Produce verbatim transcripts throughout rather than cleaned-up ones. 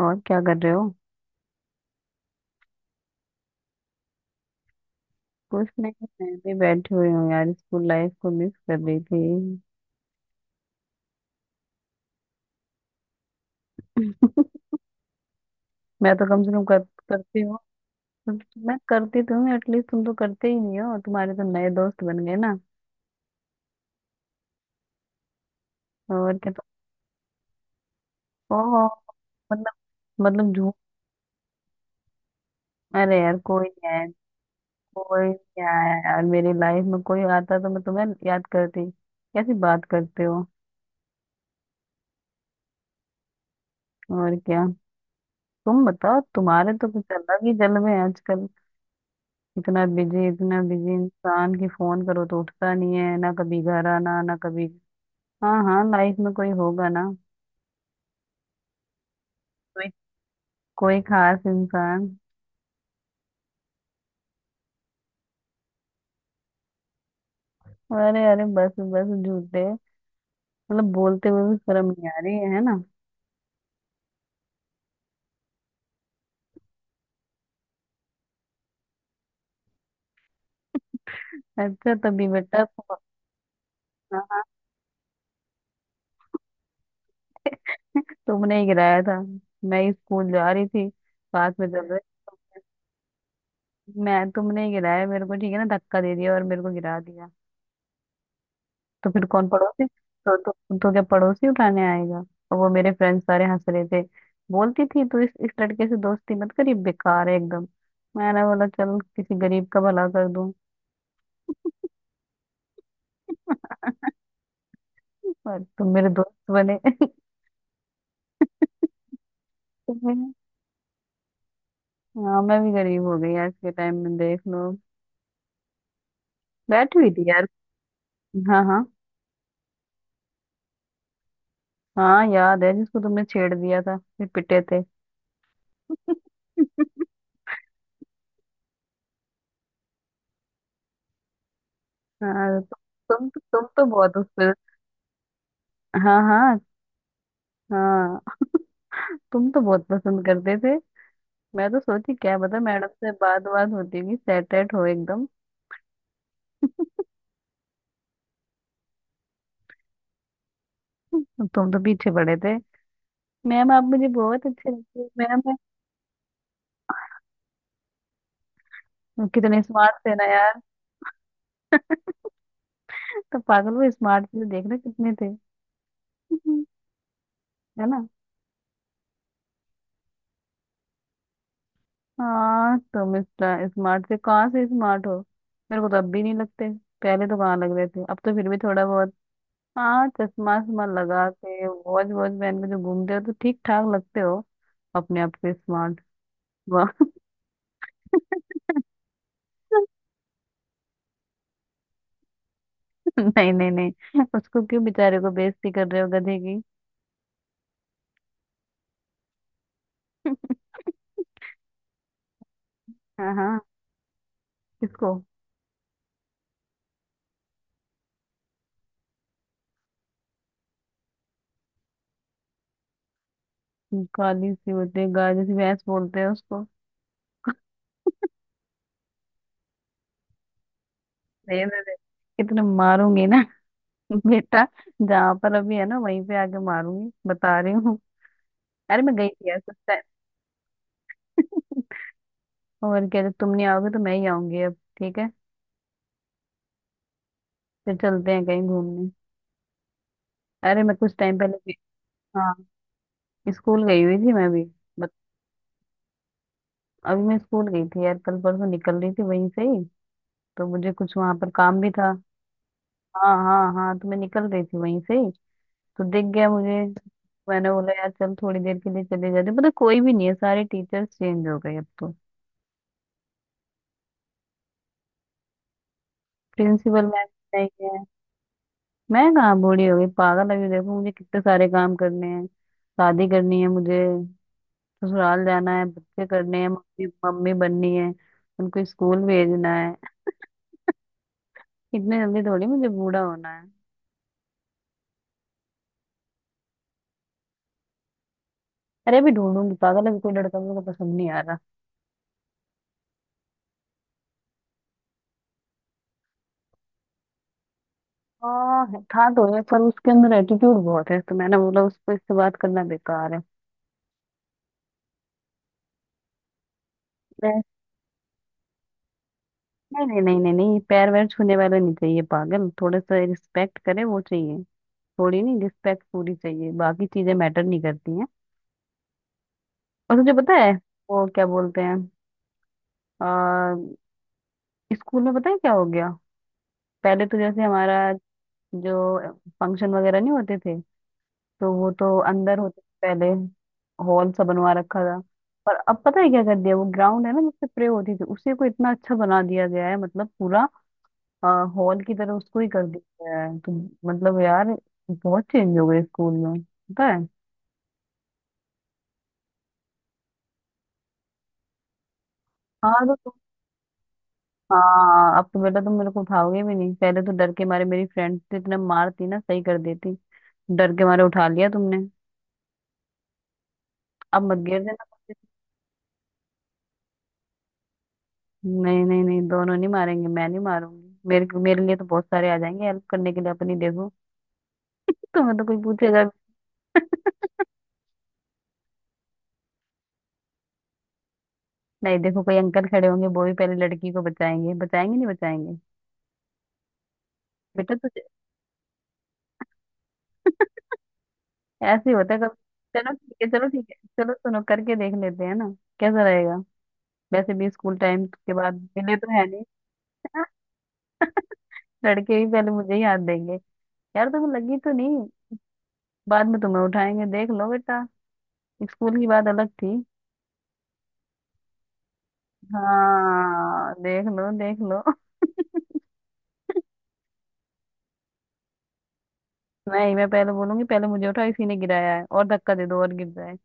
और क्या कर रहे हो? कुछ नहीं। मैं भी बैठी हुई हूँ यार, स्कूल लाइफ को मिस कर रही थी। मैं तो कम से कम कर, करती हूँ। मैं करती तो हूँ एटलीस्ट, तुम तो करते ही नहीं हो, तुम्हारे तो नए दोस्त बन गए ना। और क्या तो। ओहो। मतलब मतलब झूठ। अरे यार, कोई नहीं आया। कोई नहीं आया यार, मेरी लाइफ में कोई आता तो मैं तुम्हें याद करती, कैसी बात करते हो। और क्या। तुम बताओ, तुम्हारे तो कुछ अलग ही जलवे हैं आजकल। इतना बिजी इतना बिजी इंसान की फोन करो तो उठता नहीं है ना, कभी घर आना ना कभी। हाँ हाँ, लाइफ में कोई होगा ना। कोई कोई खास इंसान। अरे अरे, बस बस झूठे। मतलब बोलते हुए भी शर्म नहीं आ रही है है ना। अच्छा तभी बेटा तुम। हाँ हाँ, तुमने ही गिराया था। मैं ही स्कूल जा रही थी, साथ में चल रहे। मैं तुमने ही गिराया मेरे को, ठीक है ना, धक्का दे दिया और मेरे को गिरा दिया। तो फिर कौन पड़ोसी तो तो, तो क्या पड़ोसी उठाने आएगा? और वो मेरे फ्रेंड्स सारे हंस रहे थे। बोलती थी तू इस इस लड़के से दोस्ती मत करी, बेकार है एकदम। मैंने बोला चल किसी गरीब का भला कर दूं। पर तुम मेरे दोस्त बने। तो मैं- हाँ मैं भी गरीब हो गई, आज के टाइम में देख लो। बैठी हुई थी यार। हाँ हाँ। हाँ याद है, जिसको तुमने छेड़ दिया था फिर पिटे थे। हाँ। तु, तुम तुम तो बहुत उस पर। हाँ हाँ हाँ। तुम तो बहुत पसंद करते थे। मैं तो सोची क्या पता मैडम से बात बात होती होगी, सेट एट हो एकदम। तुम तो पीछे पड़े थे। मैम, आप मुझे बहुत अच्छे लगते हैं मैम। मैं- कितने स्मार्ट थे ना यार। तो पागल, वो स्मार्ट से देख रहे कितने थे। है ना। हाँ तुम स्मार्ट से कहाँ से स्मार्ट हो। मेरे को तो अब भी नहीं लगते। पहले तो कहाँ लग रहे थे, अब तो फिर भी थोड़ा बहुत। हाँ चश्मा वश्मा लगा के, वॉच वॉच पहन के जो घूमते हो तो ठीक ठाक लगते हो। अपने आप से स्मार्ट। वाह। नहीं नहीं नहीं, उसको क्यों, बेचारे को बेइज्जती कर रहे हो गधे की। हाँ हाँ। किसको? काली सी होती है गाय जैसी, भैंस बोलते हैं उसको। दे दे दे, इतने मारूंगी ना। बेटा, जहां पर अभी है ना वहीं पे आके मारूंगी, बता रही हूँ। अरे मैं गई थी यार कुछ टाइम। और क्या, जब तुम नहीं आओगे तो मैं ही आऊंगी, अब ठीक है। फिर चलते हैं कहीं घूमने। अरे मैं कुछ टाइम पहले भी। हाँ स्कूल गई हुई थी मैं भी। बत, अभी मैं स्कूल गई थी यार, कल परसों निकल रही थी वहीं से ही। तो मुझे कुछ वहां पर काम भी था। हाँ हाँ हाँ, तो मैं निकल रही थी वहीं से ही। तो दिख गया मुझे। मैंने बोला यार चल थोड़ी देर के लिए चले जाते, पता है, कोई भी नहीं है, सारे टीचर्स चेंज हो गए अब तो। प्रिंसिपल मैम नहीं है। मैं कहाँ बूढ़ी हो गई पागल, अभी देखो मुझे कितने सारे काम करने हैं। शादी करनी है मुझे। ससुराल जाना है, बच्चे करने हैं, मम्मी मम्मी बननी है। उनको स्कूल भेजना है। इतने जल्दी थोड़ी मुझे बूढ़ा होना है। अरे अभी ढूंढूंगी पागल, अभी कोई लड़का मेरे को पसंद नहीं आ रहा। हाँ है- था तो है, पर उसके अंदर एटीट्यूड बहुत है तो मैंने बोला उसको, इससे बात करना बेकार है। मैं- नहीं नहीं नहीं नहीं नहीं, पैर वैर छूने वाला नहीं चाहिए पागल, थोड़ा सा रिस्पेक्ट करे वो चाहिए। थोड़ी नहीं, रिस्पेक्ट पूरी चाहिए, बाकी चीजें मैटर नहीं करती हैं। और तुझे पता है वो क्या बोलते हैं। आ, स्कूल में पता है क्या हो गया। पहले तो जैसे हमारा जो फंक्शन वगैरह नहीं होते थे तो वो तो अंदर होते से पहले हॉल सा बनवा रखा था। पर अब पता है क्या कर दिया, वो ग्राउंड है ना जिससे प्रे होती थी, उसी को इतना अच्छा बना दिया गया है, मतलब पूरा हॉल की तरह उसको ही कर दिया गया है तो। मतलब यार, बहुत चेंज हो गए स्कूल में पता है। हाँ तो तुम। हाँ अब तो बेटा, तुम मेरे को उठाओगे भी नहीं, पहले तो डर के मारे मेरी फ्रेंड तो इतना मारती ना सही कर देती। डर के मारे उठा लिया तुमने। अब मत घेर देना। नहीं नहीं नहीं, दोनों नहीं मारेंगे, मैं नहीं मारूंगी, मेरे मेरे लिए तो बहुत सारे आ जाएंगे हेल्प करने के लिए, अपनी देखो। तुम्हें तो कोई पूछेगा भी। नहीं देखो, कोई अंकल खड़े होंगे वो भी पहले लड़की को बचाएंगे, बचाएंगे नहीं बचाएंगे। बेटा तुझे। ऐसे ही होता है कभी, चलो ठीक है, चलो ठीक है। चलो सुनो, करके देख लेते हैं ना, कैसा रहेगा। वैसे भी स्कूल टाइम के बाद मिले तो है नहीं। लड़के भी पहले मुझे ही हाथ देंगे। यार तुम्हें लगी तो नहीं। बाद में तुम्हें उठाएंगे, देख लो बेटा। स्कूल की बात अलग थी। हाँ देख लो देख लो। नहीं मैं पहले बोलूंगी, पहले मुझे उठाओ, इसी ने गिराया है, और धक्का दे दो और गिर जाए।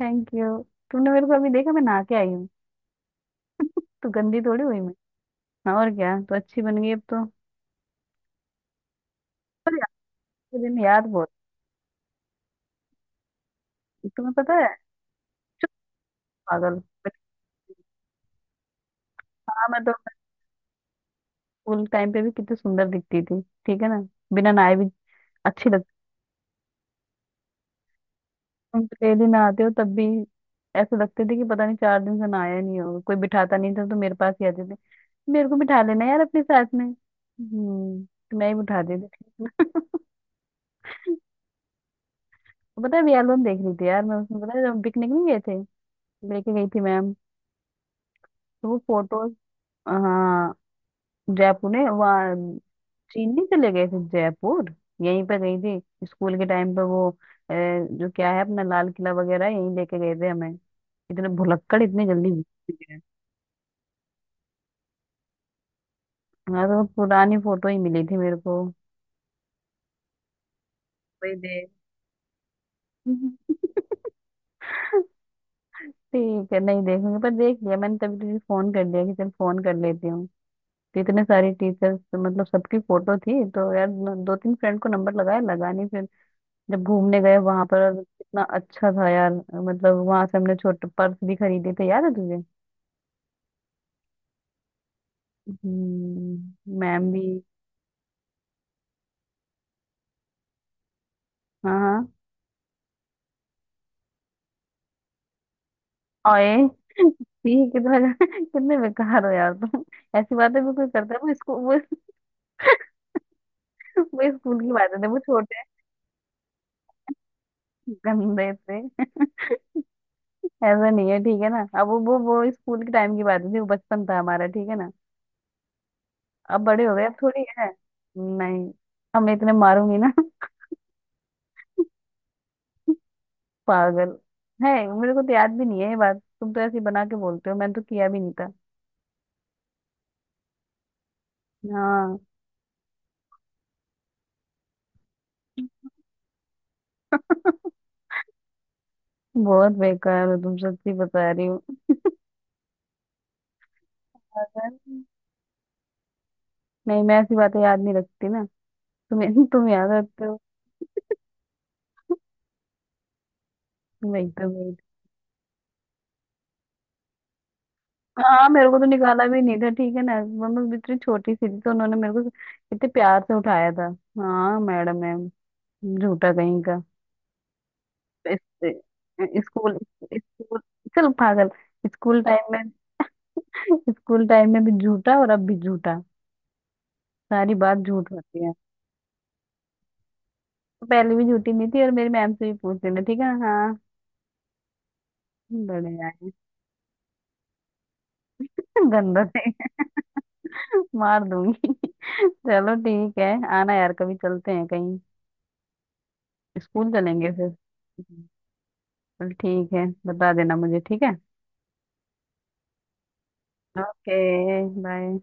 Thank you. तुमने मेरे को अभी देखा, मैं नहा के आई हूँ। तो गंदी थोड़ी हुई मैं। हाँ, और क्या, तो अच्छी बन गई अब तो। पर यार, के दिन याद बहुत। तुम्हें पता है। पागल। हाँ मैं तो स्कूल टाइम पे भी कितनी सुंदर दिखती थी, ठीक है ना, बिना नहाए भी अच्छी लगती। तुम तो डेली नहाते हो तब भी ऐसे लगते थे कि पता नहीं चार दिन से नहाया ही नहीं होगा, कोई बिठाता नहीं था तो मेरे पास ही आते थे। मेरे को बिठा लेना यार अपने साथ में, हम्म। तो मैं ही बिठा देती थी। पता है अभी एल्बम देख रही थी यार मैं, उसमें पता है जब पिकनिक नहीं गए थे, लेके गई थी मैम, तो वो फोटोज। हाँ। जयपुर ने वहाँ। चीन नहीं चले गए थे, जयपुर। यहीं पे गई थी स्कूल के टाइम पे, वो अ, जो क्या है अपना लाल किला वगैरह, यहीं लेके गए थे हमें। इतने भुलक्कड़, इतने जल्दी भूल गए। हाँ तो पुरानी फोटो ही मिली थी मेरे को। वही देख। ठीक है, नहीं देखूंगी, पर देख लिया मैंने तभी तुझे फोन कर दिया कि चल फोन कर लेती हूँ। तो इतने सारे टीचर्स, मतलब सबकी फोटो थी, तो यार न- दो तीन फ्रेंड को नंबर लगाया, लगा नहीं फिर। जब घूमने गए वहां पर, और कितना अच्छा था यार, मतलब वहां से हमने छोटे पर्स भी खरीदे थे, याद है तुझे। हम्म मैम भी। हाँ हाँ। ओए। ठीक है, कितना कितने बेकार हो यार तुम, ऐसी बातें भी कोई करता है, वो इसको, वो स्कूल की बातें थे, वो छोटे गंदे थे। ऐसा नहीं है ठीक है ना, अब वो वो वो स्कूल के टाइम की बातें थी, वो बचपन था हमारा, ठीक है ना। अब बड़े हो गए, अब थोड़ी है। नहीं। हम इतने मारूंगी ना। पागल है। मेरे को तो याद भी नहीं है ये बात, तुम तो ऐसी बना के बोलते हो, मैंने तो किया भी नहीं था। हाँ। बहुत बेकार हो तुम, सच्ची बता रही हो। अगर- नहीं, मैं ऐसी बातें याद नहीं रखती ना। तुम तुम याद रखते हो। वही तो। हाँ मेरे को तो निकाला भी नहीं था ठीक है ना, मतलब इतनी छोटी सी थी तो उन्होंने मेरे को इतने प्यार से उठाया था। हाँ मैडम है। झूठा कहीं का। इस- स्कूल स्कूल चल पागल, स्कूल टाइम में। स्कूल टाइम में भी झूठा और अब भी झूठा। सारी बात झूठ होती है। पहले भी झूठी नहीं थी, और मेरी मैम से भी पूछ लेना, ठीक है हाँ। बड़े आए। गंदा थे। मार दूंगी। चलो ठीक है। आना यार कभी, चलते हैं कहीं, स्कूल चलेंगे फिर। चल ठीक है, बता देना मुझे, ठीक है। ओके। बाय।